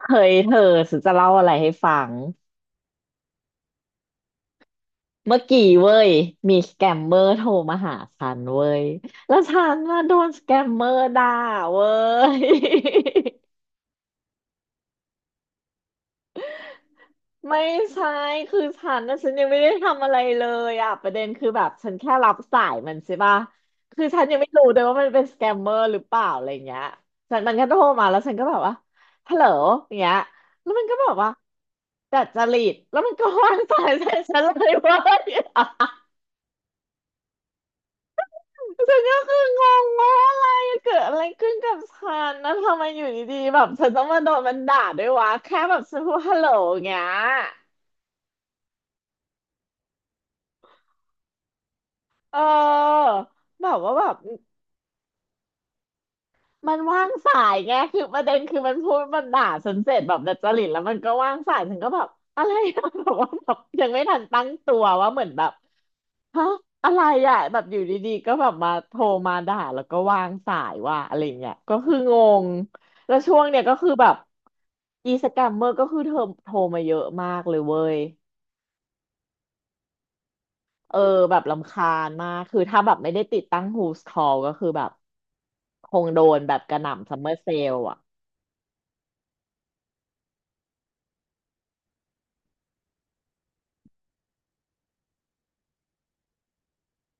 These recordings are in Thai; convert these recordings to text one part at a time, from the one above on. เฮ้ยเธอฉันจะเล่าอะไรให้ฟังเมื่อกี้เว้ยมีสแกมเมอร์โทรมาหาฉันเว้ยแล้วฉันน่ะโดนสแกมเมอร์ด่าเว้ย ไม่ใช่คือฉันนะฉันยังไม่ได้ทำอะไรเลยอ่ะประเด็นคือแบบฉันแค่รับสายมันใช่ปะคือฉันยังไม่รู้เลยว่ามันเป็นสแกมเมอร์หรือเปล่าอะไรเงี้ยฉันมันก็โทรมาแล้วฉันก็แบบว่าฮัลโหลอย่างเงี้ยแล้วมันก็บอกว่าดัดจริตแล้วมันก็วางสายใส่ฉันเลย เว้ย ฉันก็คืองงว่าอะไรเกิดอะไรขึ้นกับฉันนะทำไมอยู่ดีๆแบบฉันต้องมาโดนมันด่าด้วยวะแค่แบบฉันพูดฮัลโหลอย่างเงี้ยเออแบบว่าแบบมันว่างสายไงคือประเด็นคือมันพูดมันด่าฉันเสร็จแบบดัดจริตแล้วมันก็ว่างสายฉันก็แบบอะไรอะ แบบว่าแบบยังไม่ทันตั้งตัวว่าเหมือนแบบ ฮะอะไรอ่ะแบบอยู่ดีๆก็แบบมาโทรมาด่าแล้วก็วางสายว่าอะไรเงี้ยก็คืองงแล้วช่วงเนี้ยก็คือแบบอีสแกมเมอร์ก็คือเธอโทรมาเยอะมากเลยเว้ยเออแบบรำคาญมากคือถ้าแบบไม่ได้ติดตั้ง Who's Call ก็คือแบบคงโดนแบบกระหน่ำซัมเมอร์เซลอ่ะ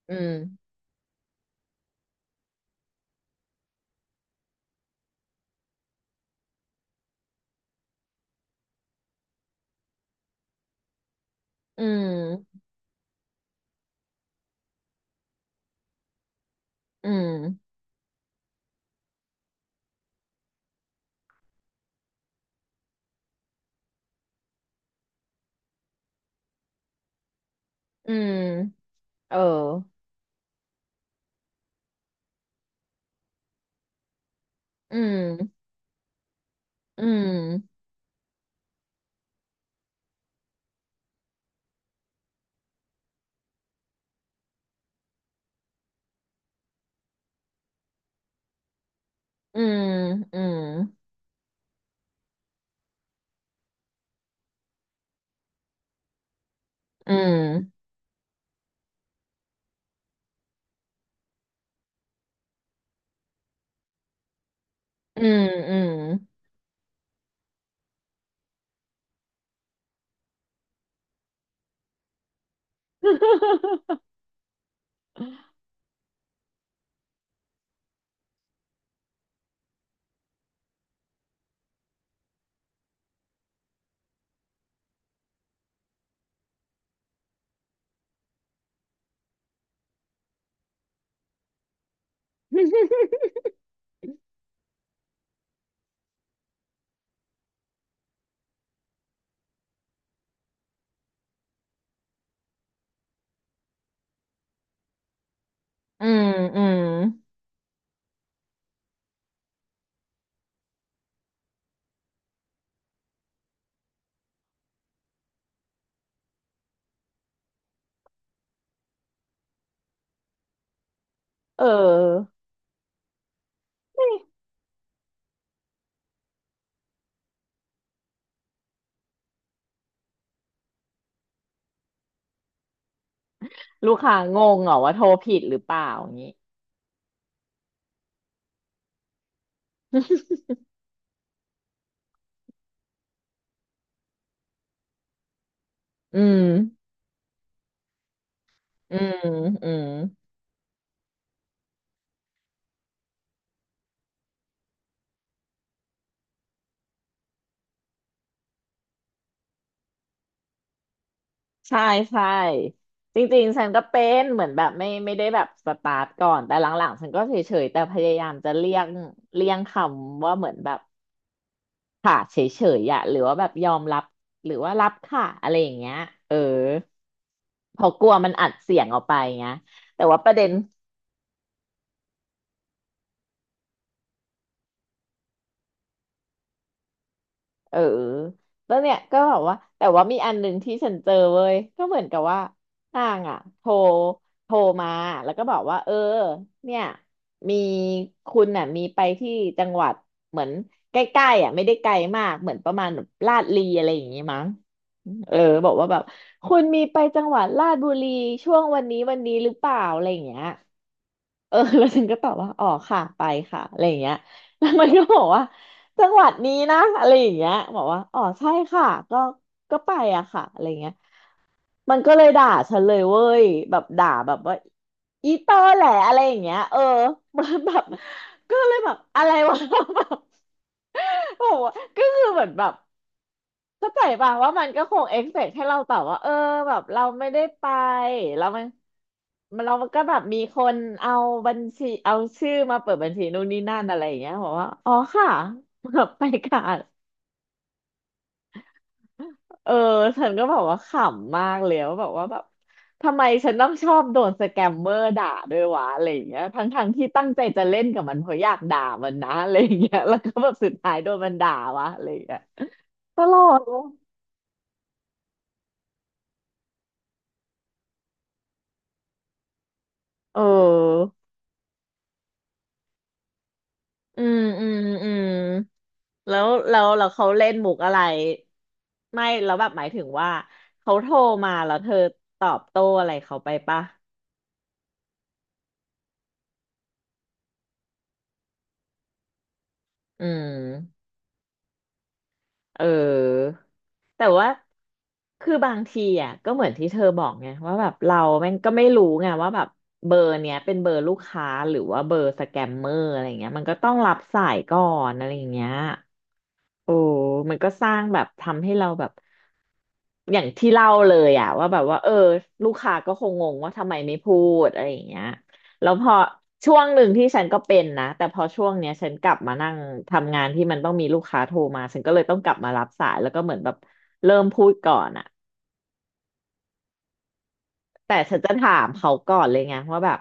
อืมอืมอืมอืมเอออืมอืมอืมอืมอืมอืมอืม อืมอืมเออไม่ลูกค้างงเหรอว่าโทรผิดหรือเปล่าอย่างนี้อืมอืมอืมใช่ใช่จริงๆฉันก็เป็นเหมือนแบบไม่ได้แบบสตาร์ทก่อนแต่หลังๆฉันก็เฉยๆแต่พยายามจะเลี่ยงเลี่ยงคำว่าเหมือนแบบค่ะเฉยๆอะหรือว่าแบบยอมรับหรือว่ารับค่ะอะไรอย่างเงี้ยเออเพราะกลัวมันอัดเสียงออกไปไงยแต่ว่าประเด็น เออแล้วเนี่ยก็แบบว่าแต่ว่ามีอันหนึ่งที่ฉันเจอเว้ยก็เหมือนกับว่านางอ่ะโทรมาแล้วก็บอกว่าเออเนี่ยมีคุณน่ะมีไปที่จังหวัดเหมือนใกล้ๆอ่ะไม่ได้ไกลมากเหมือนประมาณแบบลาดลีอะไรอย่างงี้มั้งเออบอกว่าแบบคุณมีไปจังหวัดลาดบุรีช่วงวันนี้วันนี้หรือเปล่าอะไรอย่างเงี้ย เออ แล้วฉันก็ตอบว่าอ๋อค่ะไปค่ะอะไรอย่างเงี้ย แล้วมันก็บอกว่าจังหวัดนี้นะอะไรอย่างเงี้ยบอกว่าอ๋อใช่ค่ะก็ก็ไปอะค่ะอะไรอย่างเงี้ยมันก็เลยด่าฉันเลยเว้ยแบบด่าแบบว่าอีตอแหละอะไรอย่างเงี้ยเออ มันแบบก็เลยแบบอะไรวะ แบบ โอ้โหก็คือเหมือนแบบ เข้าใจป่ะว่ามันก็คงเอ็กเซกให้เราตอบว่าเออแบบเราไม่ได้ไปแล้วมันเราก็แบบมีคนเอาบัญชีเอาชื่อมาเปิดบัญชีนู่นนี่นั่นอะไรอย่างเงี้ยบอกว่าอ๋อค่ะแบบไปค่ะเออฉันก็บอกว่าขำมากเลยว่าแบบว่าแบบทำไมฉันต้องชอบโดนสแกมเมอร์ด่าด้วยวะอะไรอย่างเงี้ยทั้งที่ตั้งใจจะเล่นกับมันเพราะอยากด่ามันนะอะไรอย่างเงี้ยแล้วก็แบบสุดท้ายโดนมันด่าวะอะไรอย่างเงี้ยตลกเออ อืมอืมอืมแล้วเขาเล่นมุกอะไรไม่แล้วแบบหมายถึงว่าเขาโทรมาแล้วเธอตอบโต้อะไรเขาไปปะอืมเออแต่ว่าคือบางทีอ่ะก็เหมือนที่เธอบอกไงว่าแบบเราแม่งก็ไม่รู้ไงว่าแบบเบอร์เนี้ยเป็นเบอร์ลูกค้าหรือว่าเบอร์สแกมเมอร์อะไรเงี้ยมันก็ต้องรับสายก่อนอะไรอย่างเงี้ย โอ้มันก็สร้างแบบทำให้เราแบบอย่างที่เล่าเลยอะว่าแบบว่าเออลูกค้าก็คงงงว่าทำไมไม่พูดอะไรอย่างเงี้ยแล้วพอช่วงหนึ่งที่ฉันก็เป็นนะแต่พอช่วงเนี้ยฉันกลับมานั่งทำงานที่มันต้องมีลูกค้าโทรมาฉันก็เลยต้องกลับมารับสายแล้วก็เหมือนแบบเริ่มพูดก่อนอะแต่ฉันจะถามเขาก่อนเลยไงว่าแบบ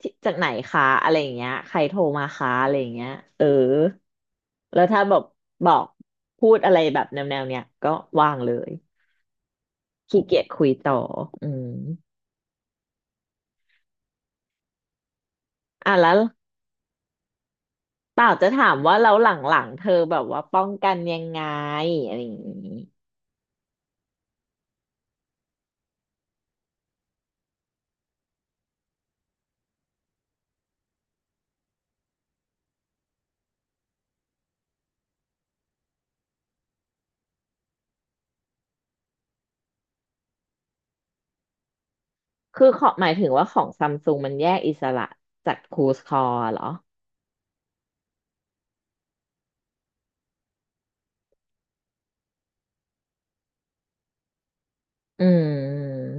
ที่จากไหนคะอะไรอย่างเงี้ยใครโทรมาคะอะไรอย่างเงี้ยเออแล้วถ้าแบบบอกพูดอะไรแบบแนวแนวเนี้ยก็ว่างเลยขี้เกียจคุยต่ออืมอ่ะแล้วเปล่าจะถามว่าแล้วหลังๆเธอแบบว่าป้องกันยังไงอะไรอย่างงี้คือขอหมายถึงว่าของซัมซุงมันแยกอิสระจากครูสคอร์เหรออืม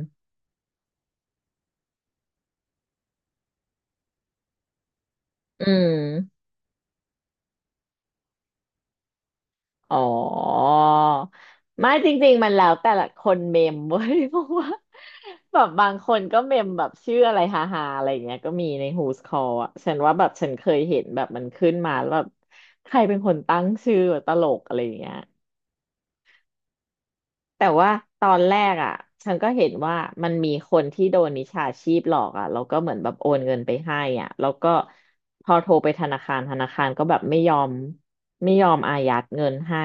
อืม อ๋อไม่จริงๆมันแล้วแต่ละคนเมมเว้ย เพราะว่าแบบบางคนก็เมมแบบชื่ออะไรฮาฮาอะไรอย่างเงี้ยก็มีใน Who's Call อ่ะฉันว่าแบบฉันเคยเห็นแบบมันขึ้นมาแล้วแบบใครเป็นคนตั้งชื่อตลกอะไรอย่างเงี้ยแต่ว่าตอนแรกอ่ะฉันก็เห็นว่ามันมีคนที่โดนมิจฉาชีพหลอกอ่ะแล้วก็เหมือนแบบโอนเงินไปให้อ่ะแล้วก็พอโทรไปธนาคารก็แบบไม่ยอมอายัดเงินให้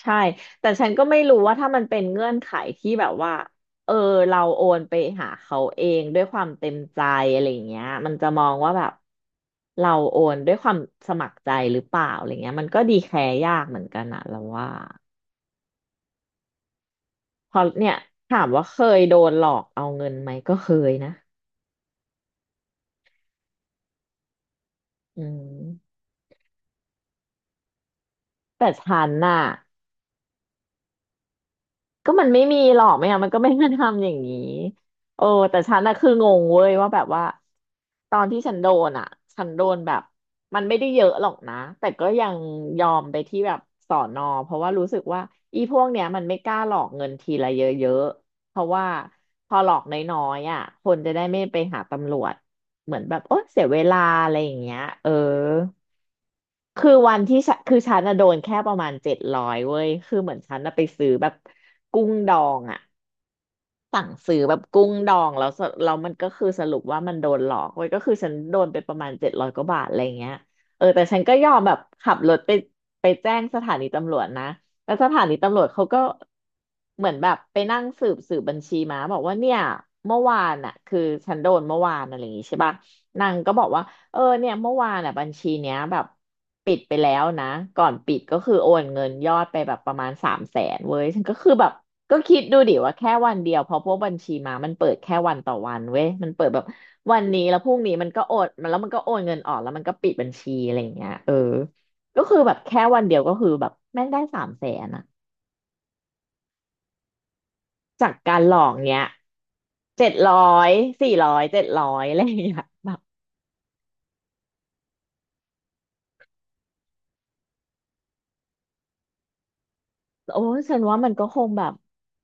ใช่แต่ฉันก็ไม่รู้ว่าถ้ามันเป็นเงื่อนไขที่แบบว่าเออเราโอนไปหาเขาเองด้วยความเต็มใจอะไรอย่างเงี้ยมันจะมองว่าแบบเราโอนด้วยความสมัครใจหรือเปล่าอะไรเงี้ยมันก็ดีแคร์ยากเหมือนกันอะเราว่าพอเนี่ยถามว่าเคยโดนหลอกเอาเงินไหมก็เคยนะอืมแต่ฉันน่ะมันไม่มีหรอกไม่งั้นมันก็ไม่มาทำอย่างนี้โอ้แต่ฉันน่ะคืองงเว้ยว่าแบบว่า ตอนที่ฉันโดนอ่ะฉันโดนแบบมันไม่ได้เยอะหรอกนะ แต่ก็ยังยอมไปที่แบบสอนอเพราะว่ารู้สึกว่าอีพวกเนี้ยมันไม่กล้าหลอกเงินทีละเยอะๆเพราะว่าพอหลอกน้อยๆอ่ะคนจะได้ไม่ไปหาตำรวจเหมือนแบบโอ๊ยเสียเวลาอะไรอย่างเงี้ยเออคือวันที่ฉันฉันน่ะโดนแค่ประมาณเจ็ดร้อยเว้ยคือเหมือนฉันอะไปซื้อแบบกุ้งดองอะ สั่งซื้อแบบกุ้งดองแล้วสแล้วมันก็คือสรุปว่ามันโดนหลอกเว้ยก็คือฉันโดนไปประมาณเจ็ดร้อยกว่าบาทอะไรเงี้ยเออแต่ฉันก็ยอมแบบขับรถไปไปแจ้งสถานีตำรวจนะแล้วสถานีตำรวจเขาก็เหมือนแบบไปนั่งสืบบัญชีมาบอกว่าเนี่ยเมื่อวานน่ะคือฉันโดนเมื่อวานอะไรอย่างงี้ใช่ปะนางก็บอกว่าเนี่ยเมื่อวานอ่ะบัญชีเนี้ยแบบปิดไปแล้วนะก่อนปิดก็คือโอนเงินยอดไปแบบประมาณสามแสนเว้ยฉันก็คือแบบ ก็คิดดูดิว่าแค่วันเดียวเพราะพวกบัญชีม้ามันเปิดแค่วันต่อวันเว้ยมันเปิดแบบวันนี้แล้วพรุ่งนี้มันก็โอนมันแล้วมันก็โอนเงินออกแล้วมันก็ปิดบัญชีอะไรอย่างเงี้ยเออก็คือแบบแค่วันเดียวก็คือแบบแม่งได้สามแสนอะจากการหลอกเนี้ยเจ็ดร้อยสี่ร้อยเจ็ดร้อยอะไรอย่างเงี้ยแบบโอ้ฉันว่ามันก็คงแบบ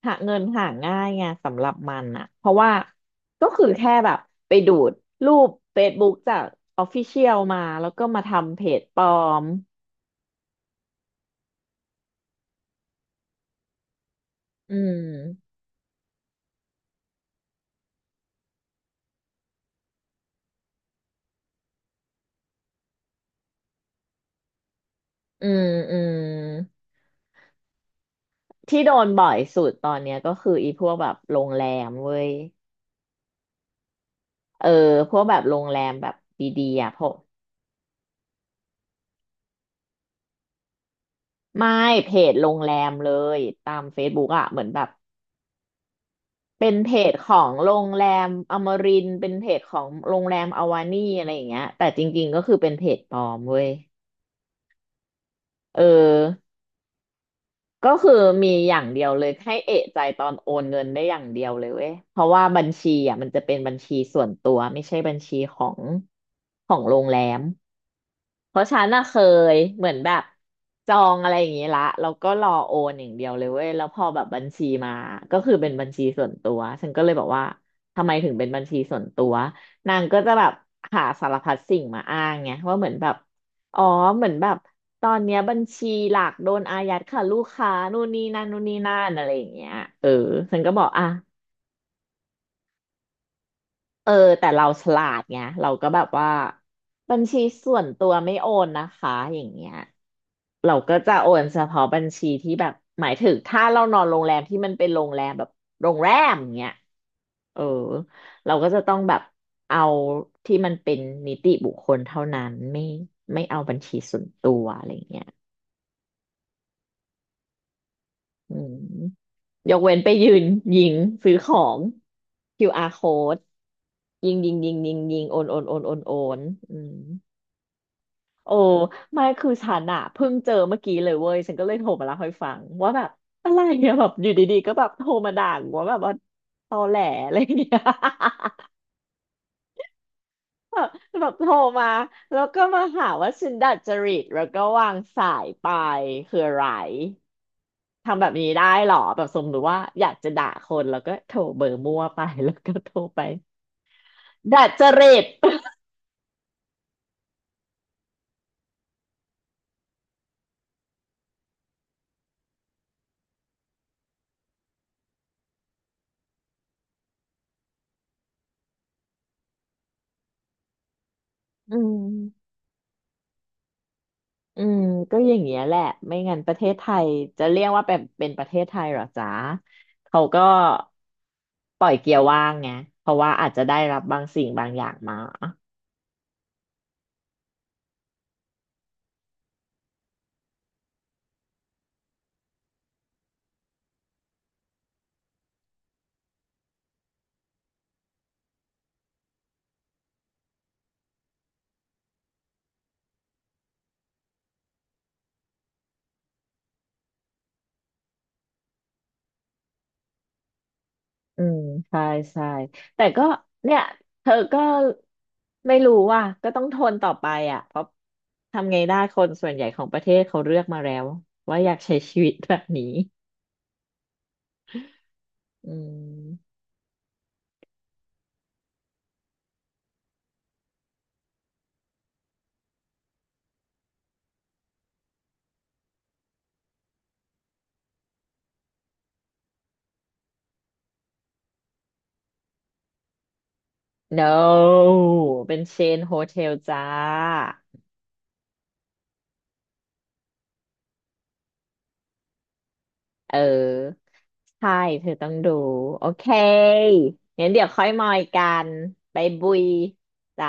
หาเงินหาง่ายไงสำหรับมันอะเพราะว่าก็คือแค่แบบไปดูดรูป Facebook จาก Official มาแล้วก็มาทำเพจปลอม อืมอืมอืมที่โดนบ่อยสุดตอนเนี้ยก็คืออีพวกแบบโรงแรมเว้ยเออพวกแบบโรงแรมแบบดีๆอ่ะพวกไม่เพจโรงแรมเลยตาม Facebook อ่ะเหมือนแบบเป็นเพจของโรงแรมอมรินทร์เป็นเพจของโรงแรมอวานี่อะไรอย่างเงี้ยแต่จริงๆก็คือเป็นเพจปลอมเว้ยเออ ก็คือมีอย่างเดียวเลยให้เอะใจตอนโอนเงินได้อย่างเดียวเลยเว้ยเพราะว่าบัญชีอ่ะมันจะเป็นบัญชีส่วนตัวไม่ใช่บัญชีของโรงแรม เพราะฉันน่ะเคยเหมือนแบบจองอะไรอย่างงี้ละแล้วก็รอโอนอย่างเดียวเลยเว้ยแล้วพอแบบบัญชีมาก็คือเป็นบัญชีส่วนตัวฉันก็เลยบอกว่าทำไมถึงเป็นบัญชีส่วนตัวนางก็จะแบบหาสารพัดสิ่งมาอ้างไงว่าเหมือนแบบอ๋อเหมือนแบบตอนเนี้ยบัญชีหลักโดนอายัดค่ะลูกค้านู่นนี่นั่นนู่นนี่นั่นอะไรอย่างเงี้ยเออฉันก็บอกอ่ะเออแต่เราฉลาดไงเราก็แบบว่าบัญชีส่วนตัวไม่โอนนะคะอย่างเงี้ย เราก็จะโอนเฉพาะบัญชีที่แบบหมายถึงถ้าเรานอนโรงแรมที่มันเป็นโรงแรมแบบโรงแรมอย่างเงี้ยเออเราก็จะต้องแบบเอาที่มันเป็นนิติบุคคลเท่านั้นไม่เอาบัญชีส่วนตัวอะไรเงี้ยอืมยกเว้นไปยืนยิงซื้อของ QR code ยิงโอนอืม โอ้ไม่คือฉันอะเพิ่งเจอเมื่อกี้เลยเว้ยฉันก็เลยโทรมาเล่าให้ฟังว่าแบบอะไรเนี่ย แบบอยู่ดีๆก็แบบโทรมาด่ากูว่าแบบว่าตอแหลอะไรเนี่ย แบบแบบโทรมาแล้วก็มาหาว่าฉันดัดจริตแล้วก็วางสายไปคืออะไรทำแบบนี้ได้เหรอแบบสมมติว่าอยากจะด่าคนแล้วก็โทรเบอร์มั่วไป แล้วก็โทรไปดัดจริต อืม อืมก็อย่างเงี้ยแหละไม่งั้นประเทศไทยจะเรียกว่าเป็นประเทศไทยเหรอจ๊ะเขาก็ปล่อยเกียร์ว่างไงเพราะว่าอาจจะได้รับบางสิ่งบางอย่างมาอืมใช่ใช่แต่ก็เนี่ยเธอก็ไม่รู้ว่าก็ต้องทนต่อไปอ่ะเพราะทำไงได้คนส่วนใหญ่ของประเทศเขาเลือกมาแล้วว่าอยากใช้ชีวิตแบบนี้อืม no เป็นเชนโฮเทลจ้า เออใช่เธอต้องดูโอเคงั้นเดี๋ยวค่อยมอยกันไปบุยจ้า